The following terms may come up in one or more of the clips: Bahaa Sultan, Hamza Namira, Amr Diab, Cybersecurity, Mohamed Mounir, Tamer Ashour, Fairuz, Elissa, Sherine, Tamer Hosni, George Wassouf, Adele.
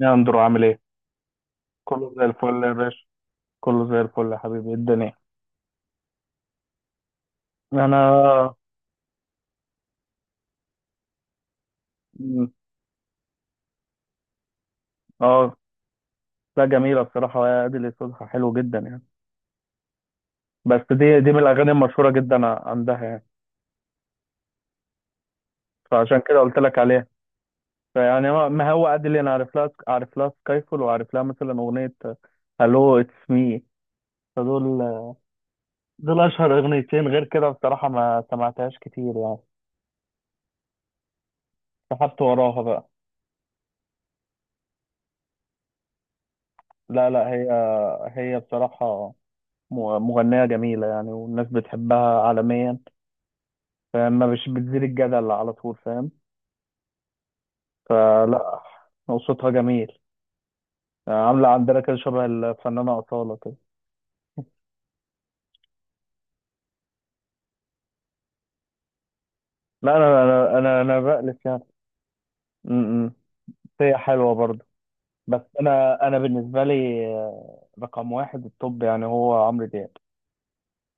يا اندرو عامل ايه؟ كله زي الفل يا باشا. كله زي الفل يا حبيبي، إيه الدنيا؟ انا مم. اه. لا، جميلة بصراحة، يا ادي اللي صوتها حلو جدا يعني. بس دي من الاغاني المشهورة جدا عندها يعني، فعشان كده قلت لك عليها. فيعني ما هو اديل، انا عارف لها سكايفول، وعارف لها مثلا اغنية هالو اتس مي. فدول دول اشهر اغنيتين، غير كده بصراحة ما سمعتهاش كتير يعني. سحبت وراها بقى. لا لا. هي بصراحة مغنية جميلة يعني، والناس بتحبها عالميا، فما مش بتزيد الجدل على طول، فاهم؟ فلا، صوتها جميل. عاملة عندنا كده شبه الفنانة أصالة كده. لا، أنا بألف يعني. م- م. هي حلوة برضه. بس أنا بالنسبة لي، رقم واحد التوب يعني هو عمرو دياب.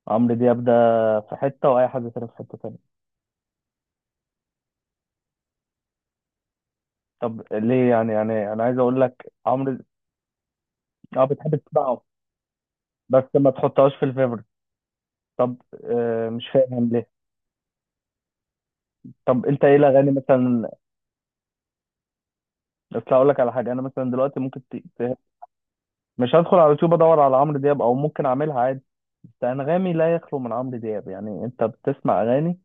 عمرو دياب ده في حتة، وأي حد تاني في حتة تانية. طب ليه يعني؟ أنا عايز أقول لك عمرو، أه بتحب تسمعه بس ما تحطهاش في الفيفوريت، طب مش فاهم ليه؟ طب انت ايه الاغاني مثلا؟ اصل هقول لك على حاجه، انا مثلا دلوقتي ممكن مش هدخل على يوتيوب ادور على عمرو دياب، او ممكن اعملها عادي، بس انغامي لا يخلو من عمرو دياب. يعني انت بتسمع اغاني،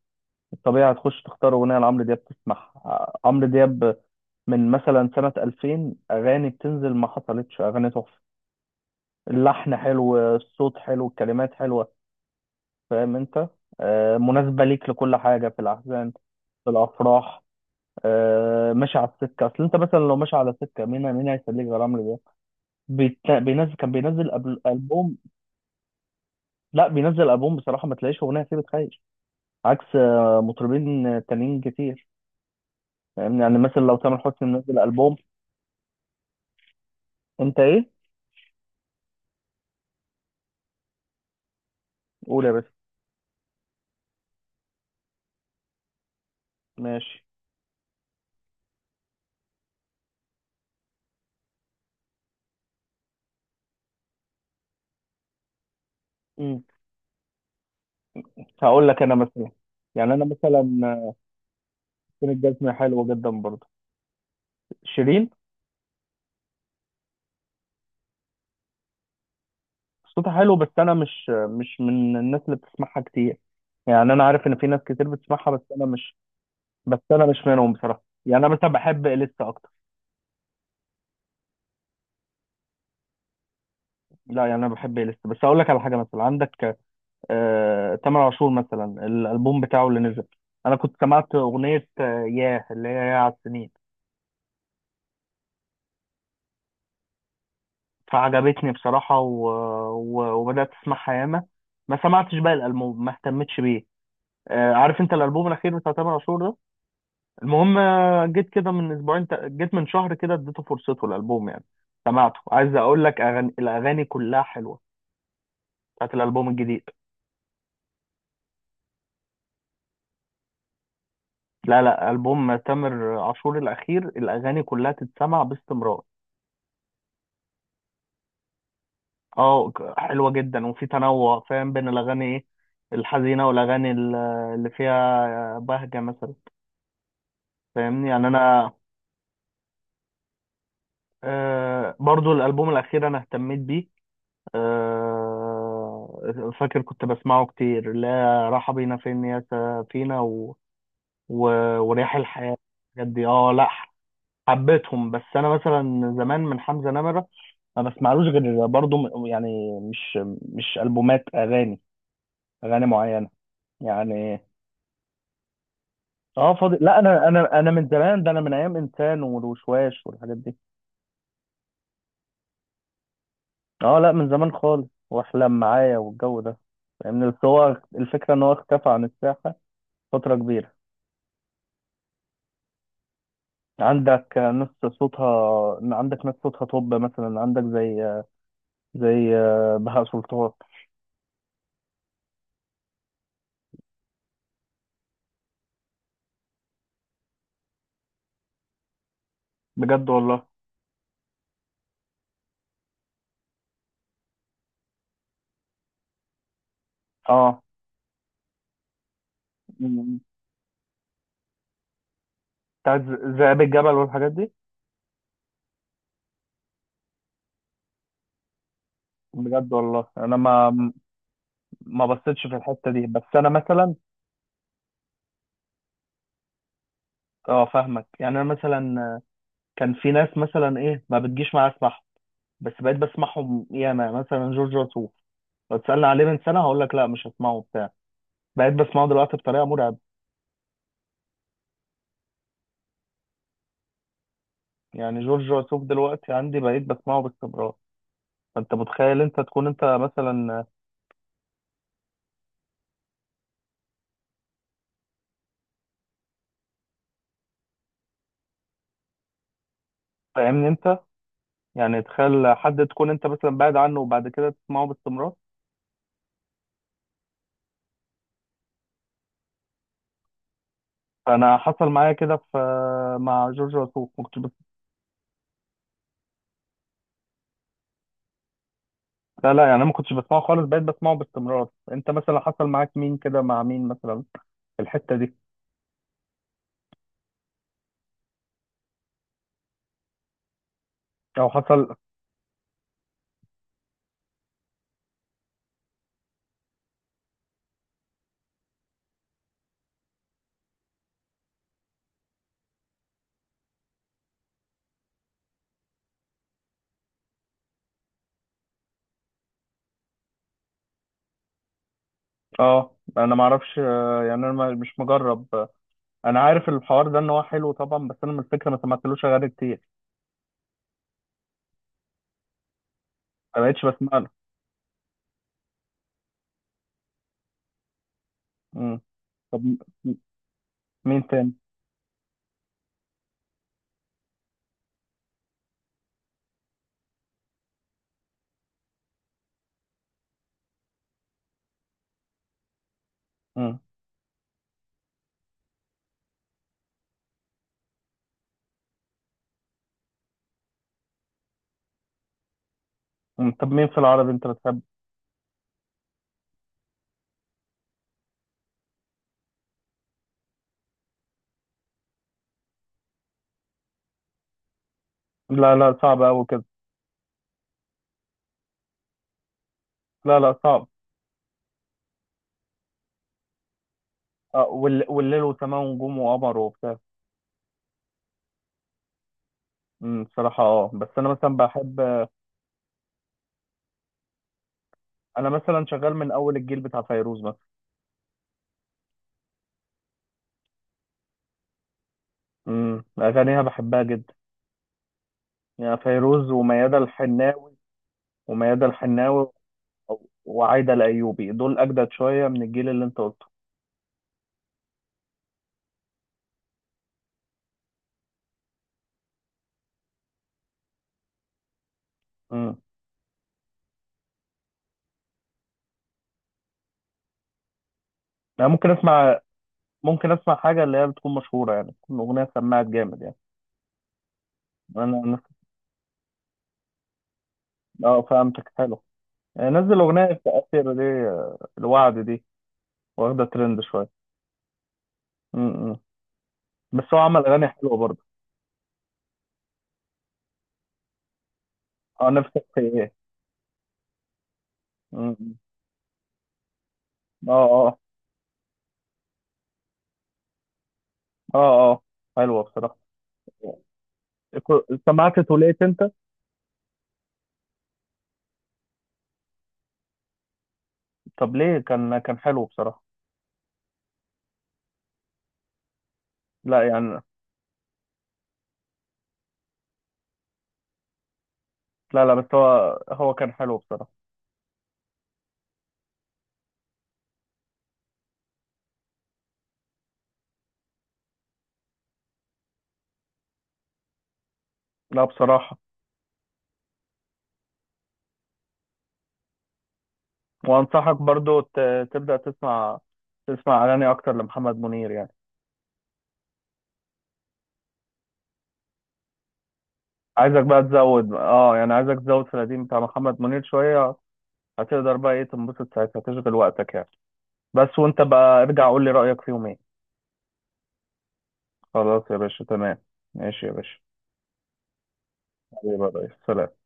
الطبيعي هتخش تختار اغنيه لعمرو دياب تسمعها. عمرو دياب من مثلا سنه 2000 اغاني بتنزل، ما حصلتش اغاني تحفه، اللحن حلو، الصوت حلو، الكلمات حلوه، فاهم انت؟ مناسبه ليك لكل حاجه، في الاحزان، في الافراح. ماشي على السكه، اصل انت مثلا لو ماشي على سكه، مين مين هيسليك غير عمرو دياب؟ كان بينزل قبل ألبوم. لا، بينزل ألبوم بصراحة ما تلاقيش أغنية فيه بتخيش، عكس مطربين تانيين كتير. فاهمني؟ يعني مثلا لو تامر حسني منزل ألبوم. أنت إيه؟ قول يا باشا. ماشي. مم. هقول لك أنا مثلا. يعني أنا مثلا، آه، فين الجزمة حلوة جدا برضه، شيرين. صوتها حلو، بس أنا مش من الناس اللي بتسمعها كتير يعني. أنا عارف إن في ناس كتير بتسمعها بس أنا مش. بس أنا مش منهم بصراحة. يعني أنا مثلا بحب إليسا أكتر. لا يعني، أنا بحب إليسا، بس أقول لك على حاجة. مثلا عندك تامر عاشور مثلا، الالبوم بتاعه اللي نزل، انا كنت سمعت اغنيه ياه اللي هي ياه على السنين، فعجبتني بصراحه، وبدات اسمعها ياما. ما سمعتش بقى الالبوم، ما اهتمتش بيه. عارف انت الالبوم الاخير بتاع تامر عاشور ده؟ المهم جيت كده من اسبوعين ت- جيت من شهر كده، اديته فرصته الالبوم يعني، سمعته. عايز اقول لك الاغاني كلها حلوه، بتاعت الالبوم الجديد. لا لا، البوم تامر عاشور الاخير الاغاني كلها تتسمع باستمرار. اه، حلوه جدا، وفي تنوع فاهم، بين الاغاني ايه، الحزينه والاغاني اللي فيها بهجه مثلا. فاهمني؟ يعني انا. آه، برضو الالبوم الاخير انا اهتميت بيه. آه، فاكر كنت بسمعه كتير. لا، راحه بينا فين يا سفينه، و... ورياح الحياه، الحاجات دي. اه. لا، حبيتهم. بس انا مثلا زمان من حمزه نمره ما بسمعلوش غير برضو، يعني مش البومات اغاني، اغاني معينه يعني. اه، فاضي. لا، انا من زمان ده، انا من ايام انسان والوشواش والحاجات دي. اه، لا، من زمان خالص، واحلم معايا والجو ده. فاهمني؟ بس هو الفكره ان هو اختفى عن الساحه فتره كبيره. عندك ناس صوتها عندك ناس صوتها، طب مثلا عندك زي بهاء سلطان. بجد والله؟ اه، م- بتاعت ذئاب الجبل والحاجات دي. بجد والله، انا ما بصيتش في الحته دي، بس انا مثلا. اه، فاهمك. يعني انا مثلا كان في ناس مثلا ايه ما بتجيش معايا اسمعهم، بس بقيت بسمعهم ياما، مثلا جورج وسوف. لو تسألني عليه من سنة هقول لك لا مش هسمعه بتاع، بقيت بسمعه دلوقتي بطريقة مرعبة. يعني جورج وسوف دلوقتي عندي بقيت بسمعه باستمرار. فانت متخيل؟ انت تكون انت مثلا، فاهمني انت؟ يعني تخيل، حد تكون انت مثلا بعد عنه، وبعد كده تسمعه باستمرار. فانا حصل معايا كده في، مع جورج وسوف، ما كنتش لا لا، يعني انا ما كنتش بسمعه خالص، بقيت بسمعه باستمرار. انت مثلا حصل معاك مين كده؟ مع مين مثلا في الحتة دي؟ او حصل. اه، انا ما اعرفش، يعني انا مش مجرب. انا عارف الحوار ده ان هو حلو طبعا، بس انا من الفكره ما سمعتلوش اغاني كتير، ما بقتش بسمع له. مم. طب م- مين تاني؟ مم. مم. طب مين في العربي انت بتحب؟ لا لا، صعب قوي كده. لا لا، صعب. آه، والليل وسماء ونجوم وقمر وبتاع. مم. بصراحه، اه. بس انا مثلا بحب، انا مثلا شغال من اول الجيل بتاع فيروز مثلا. مم. اغانيها بحبها جدا. يعني فيروز وميادة الحناوي، وميادة الحناوي وعايدة الأيوبي، دول أجدد شوية من الجيل اللي أنت قلته. امم أنا ممكن أسمع حاجة اللي هي بتكون مشهورة يعني، تكون أغنية سمعت جامد يعني. أنا أه، فهمتك. حلو. نزل أغنية التأثير دي، الوعد دي، واخدة ترند شوية. امم بس هو عمل أغاني حلوة برضه. أه، نفسك في إيه؟ امم أه، أه، أه، أه، حلوة بصراحة. سمعت توليت أنت؟ طب ليه؟ كان حلو بصراحة. لا يعني، لا لا، بس هو كان حلو بصراحة. لا بصراحة. وانصحك برضو تبدأ تسمع اغاني اكتر لمحمد منير يعني. عايزك بقى تزود، يعني عايزك تزود في القديم بتاع محمد منير شوية. هتقدر بقى ايه تنبسط ساعتها، تشغل وقتك يعني. بس وانت بقى ارجع قول لي رأيك فيهم ايه؟ خلاص يا باشا، تمام. ماشي يا باشا. حبيبي يا ريس، سلام.